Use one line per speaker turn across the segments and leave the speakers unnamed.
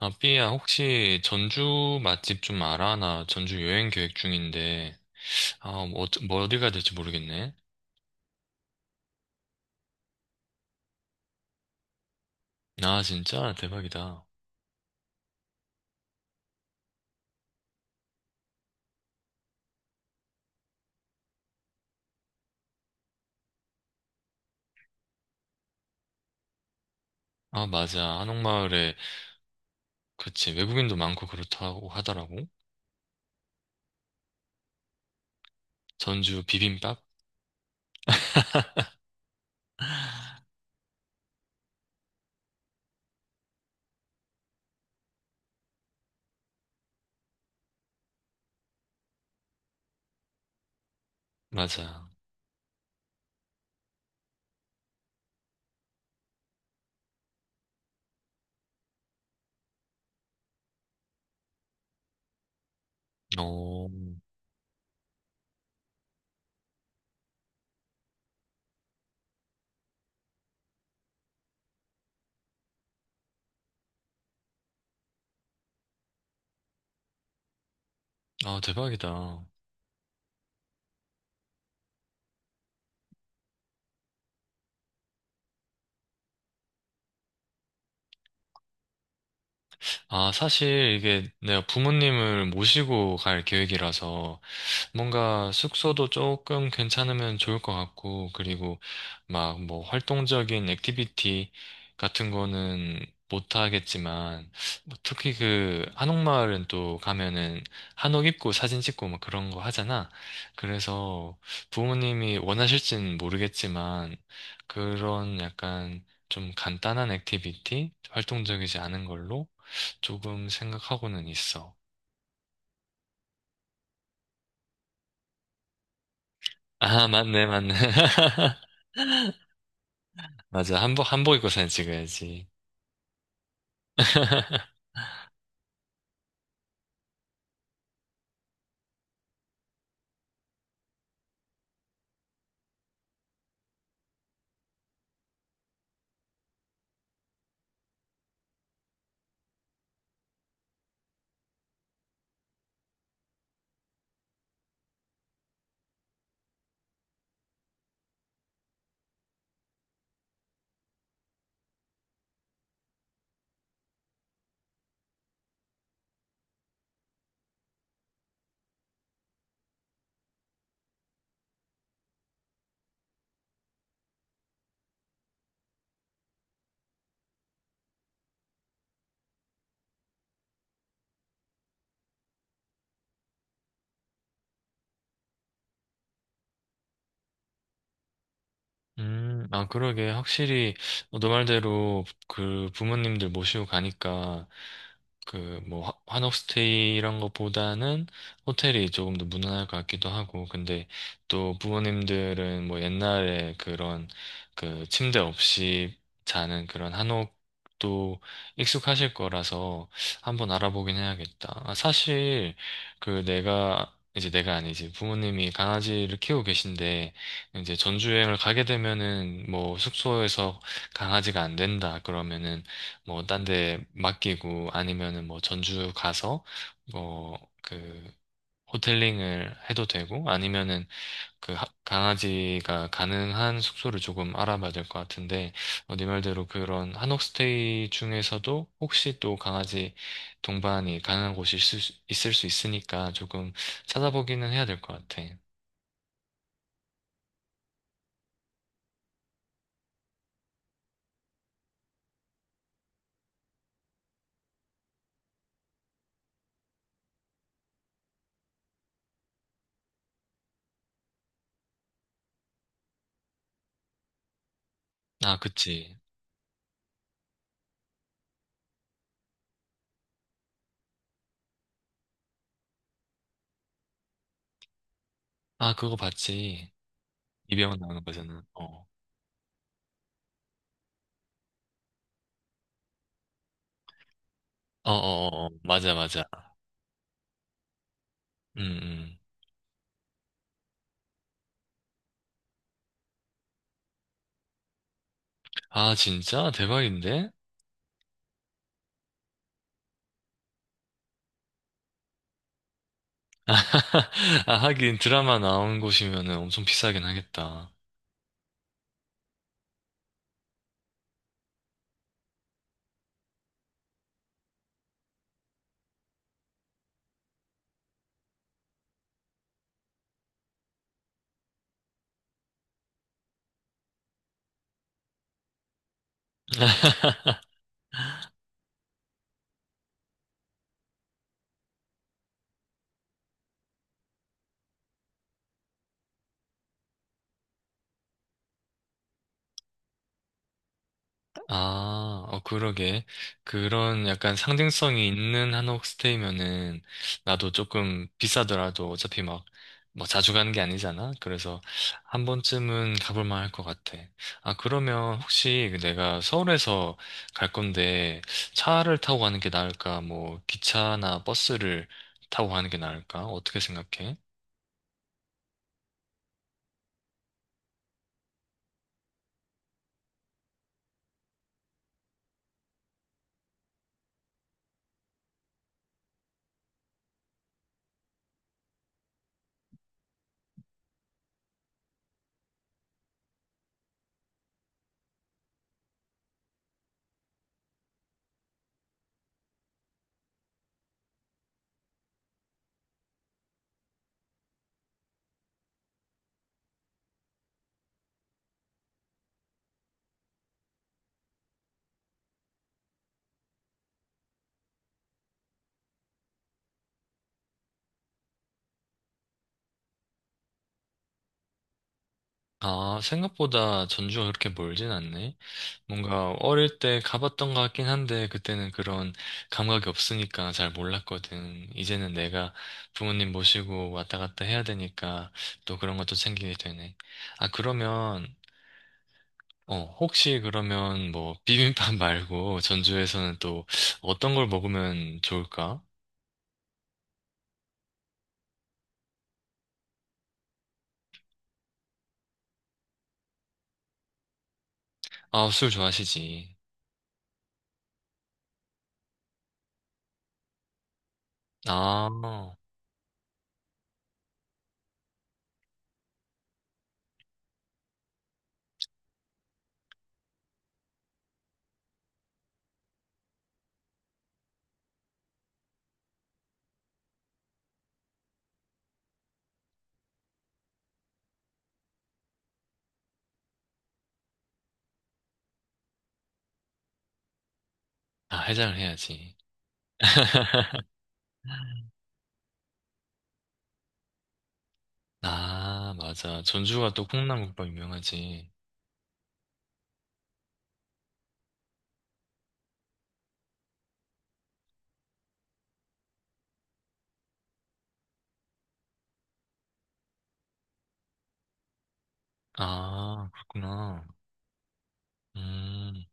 아, 삐야, 혹시 전주 맛집 좀 알아? 나 전주 여행 계획 중인데, 아, 뭐, 뭐 어디 가야 될지 모르겠네. 아, 진짜? 대박이다. 아, 맞아. 한옥마을에, 그치. 외국인도 많고 그렇다고 하더라고. 전주 비빔밥? 맞아. 어, 아, 대박이다. 아, 사실 이게 내가 부모님을 모시고 갈 계획이라서, 뭔가 숙소도 조금 괜찮으면 좋을 것 같고, 그리고 막 뭐 활동적인 액티비티 같은 거는 못 하겠지만, 뭐 특히 그 한옥마을은 또 가면은 한옥 입고 사진 찍고 막 그런 거 하잖아. 그래서 부모님이 원하실진 모르겠지만, 그런 약간 좀 간단한 액티비티? 활동적이지 않은 걸로 조금 생각하고는 있어. 아, 맞네, 맞네. 맞아. 한복 입고 사진 찍어야지. 아, 그러게. 확실히, 너 말대로, 그, 부모님들 모시고 가니까, 그, 뭐, 한옥스테이 이런 것보다는 호텔이 조금 더 무난할 것 같기도 하고, 근데 또 부모님들은 뭐 옛날에 그런, 그, 침대 없이 자는 그런 한옥도 익숙하실 거라서 한번 알아보긴 해야겠다. 아, 사실, 그, 내가, 이제 내가 아니지. 부모님이 강아지를 키우고 계신데, 이제 전주여행을 가게 되면은 뭐 숙소에서 강아지가 안 된다 그러면은 뭐 딴 데 맡기고 아니면은 뭐 전주 가서 뭐 그 호텔링을 해도 되고 아니면은 그 강아지가 가능한 숙소를 조금 알아봐야 될 것 같은데 어, 네 말대로 그런 한옥스테이 중에서도 혹시 또 강아지 동반이 가능한 곳이 있을 수 있으니까 조금 찾아보기는 해야 될 것 같아. 아, 그치. 아, 그거 봤지. 입에만 나오는 거잖아. 어. 어, 어, 어, 맞아, 맞아. 음, 음. 아, 진짜? 대박인데? 아, 하긴 드라마 나온 곳이면은 엄청 비싸긴 하겠다. 아, 어, 그러게. 그런 약간 상징성이 있는 한옥스테이면은 나도 조금 비싸더라도 어차피 막, 뭐 자주 가는 게 아니잖아? 그래서 한 번쯤은 가볼 만할 것 같아. 아, 그러면 혹시 그 내가 서울에서 갈 건데 차를 타고 가는 게 나을까? 뭐 기차나 버스를 타고 가는 게 나을까? 어떻게 생각해? 아, 생각보다 전주가 그렇게 멀진 않네. 뭔가 어릴 때 가봤던 것 같긴 한데 그때는 그런 감각이 없으니까 잘 몰랐거든. 이제는 내가 부모님 모시고 왔다 갔다 해야 되니까 또 그런 것도 챙기게 되네. 아, 그러면 어, 혹시 그러면 뭐 비빔밥 말고 전주에서는 또 어떤 걸 먹으면 좋을까? 아, 술 좋아하시지. 아, 아, 해장을 해야지. 아, 맞아. 전주가 또 콩나물국밥 유명하지. 아, 그렇구나. 음,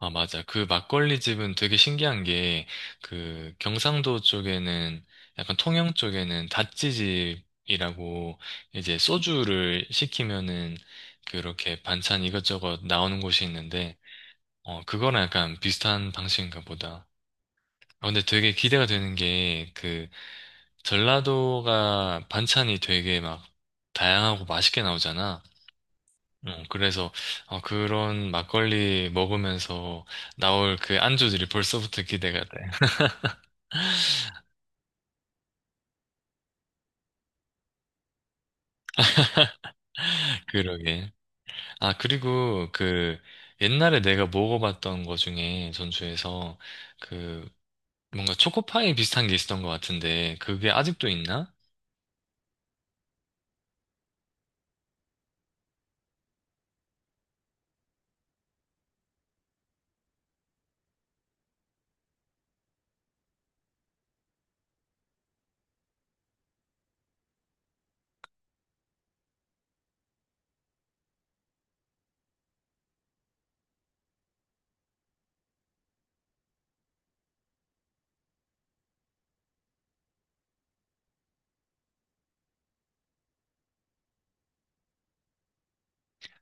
아, 맞아. 그 막걸리 집은 되게 신기한 게, 그 경상도 쪽에는, 약간 통영 쪽에는 다찌집이라고, 이제 소주를 시키면은, 그렇게 반찬 이것저것 나오는 곳이 있는데, 어, 그거랑 약간 비슷한 방식인가 보다. 아, 근데 되게 기대가 되는 게, 그, 전라도가 반찬이 되게 막 다양하고 맛있게 나오잖아. 어, 그래서 어, 그런 막걸리 먹으면서 나올 그 안주들이 벌써부터 기대가 돼. 그러게. 아, 그리고 그 옛날에 내가 먹어봤던 거 중에 전주에서 그 뭔가 초코파이 비슷한 게 있었던 것 같은데 그게 아직도 있나?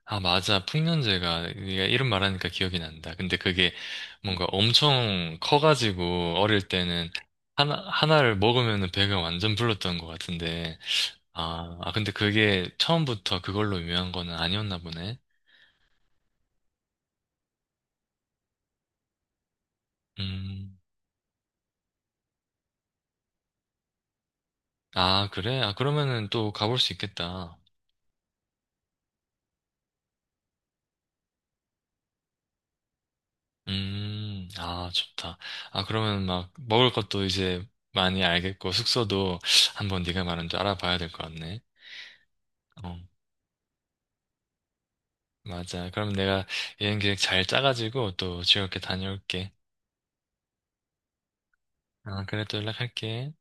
아, 맞아. 풍년제가 네가 이름 말하니까 기억이 난다. 근데 그게 뭔가 엄청 커가지고 어릴 때는 하나를 먹으면 배가 완전 불렀던 것 같은데 아, 아, 근데 그게 처음부터 그걸로 유명한 거는 아니었나 보네. 음, 아, 그래? 아, 그러면은 또 가볼 수 있겠다. 아, 좋다. 아, 그러면 막 먹을 것도 이제 많이 알겠고, 숙소도 한번 네가 말한 줄 알아봐야 될 것 같네. 어, 맞아. 그럼 내가 여행 계획 잘 짜가지고 또 즐겁게 다녀올게. 아, 그래, 또 연락할게.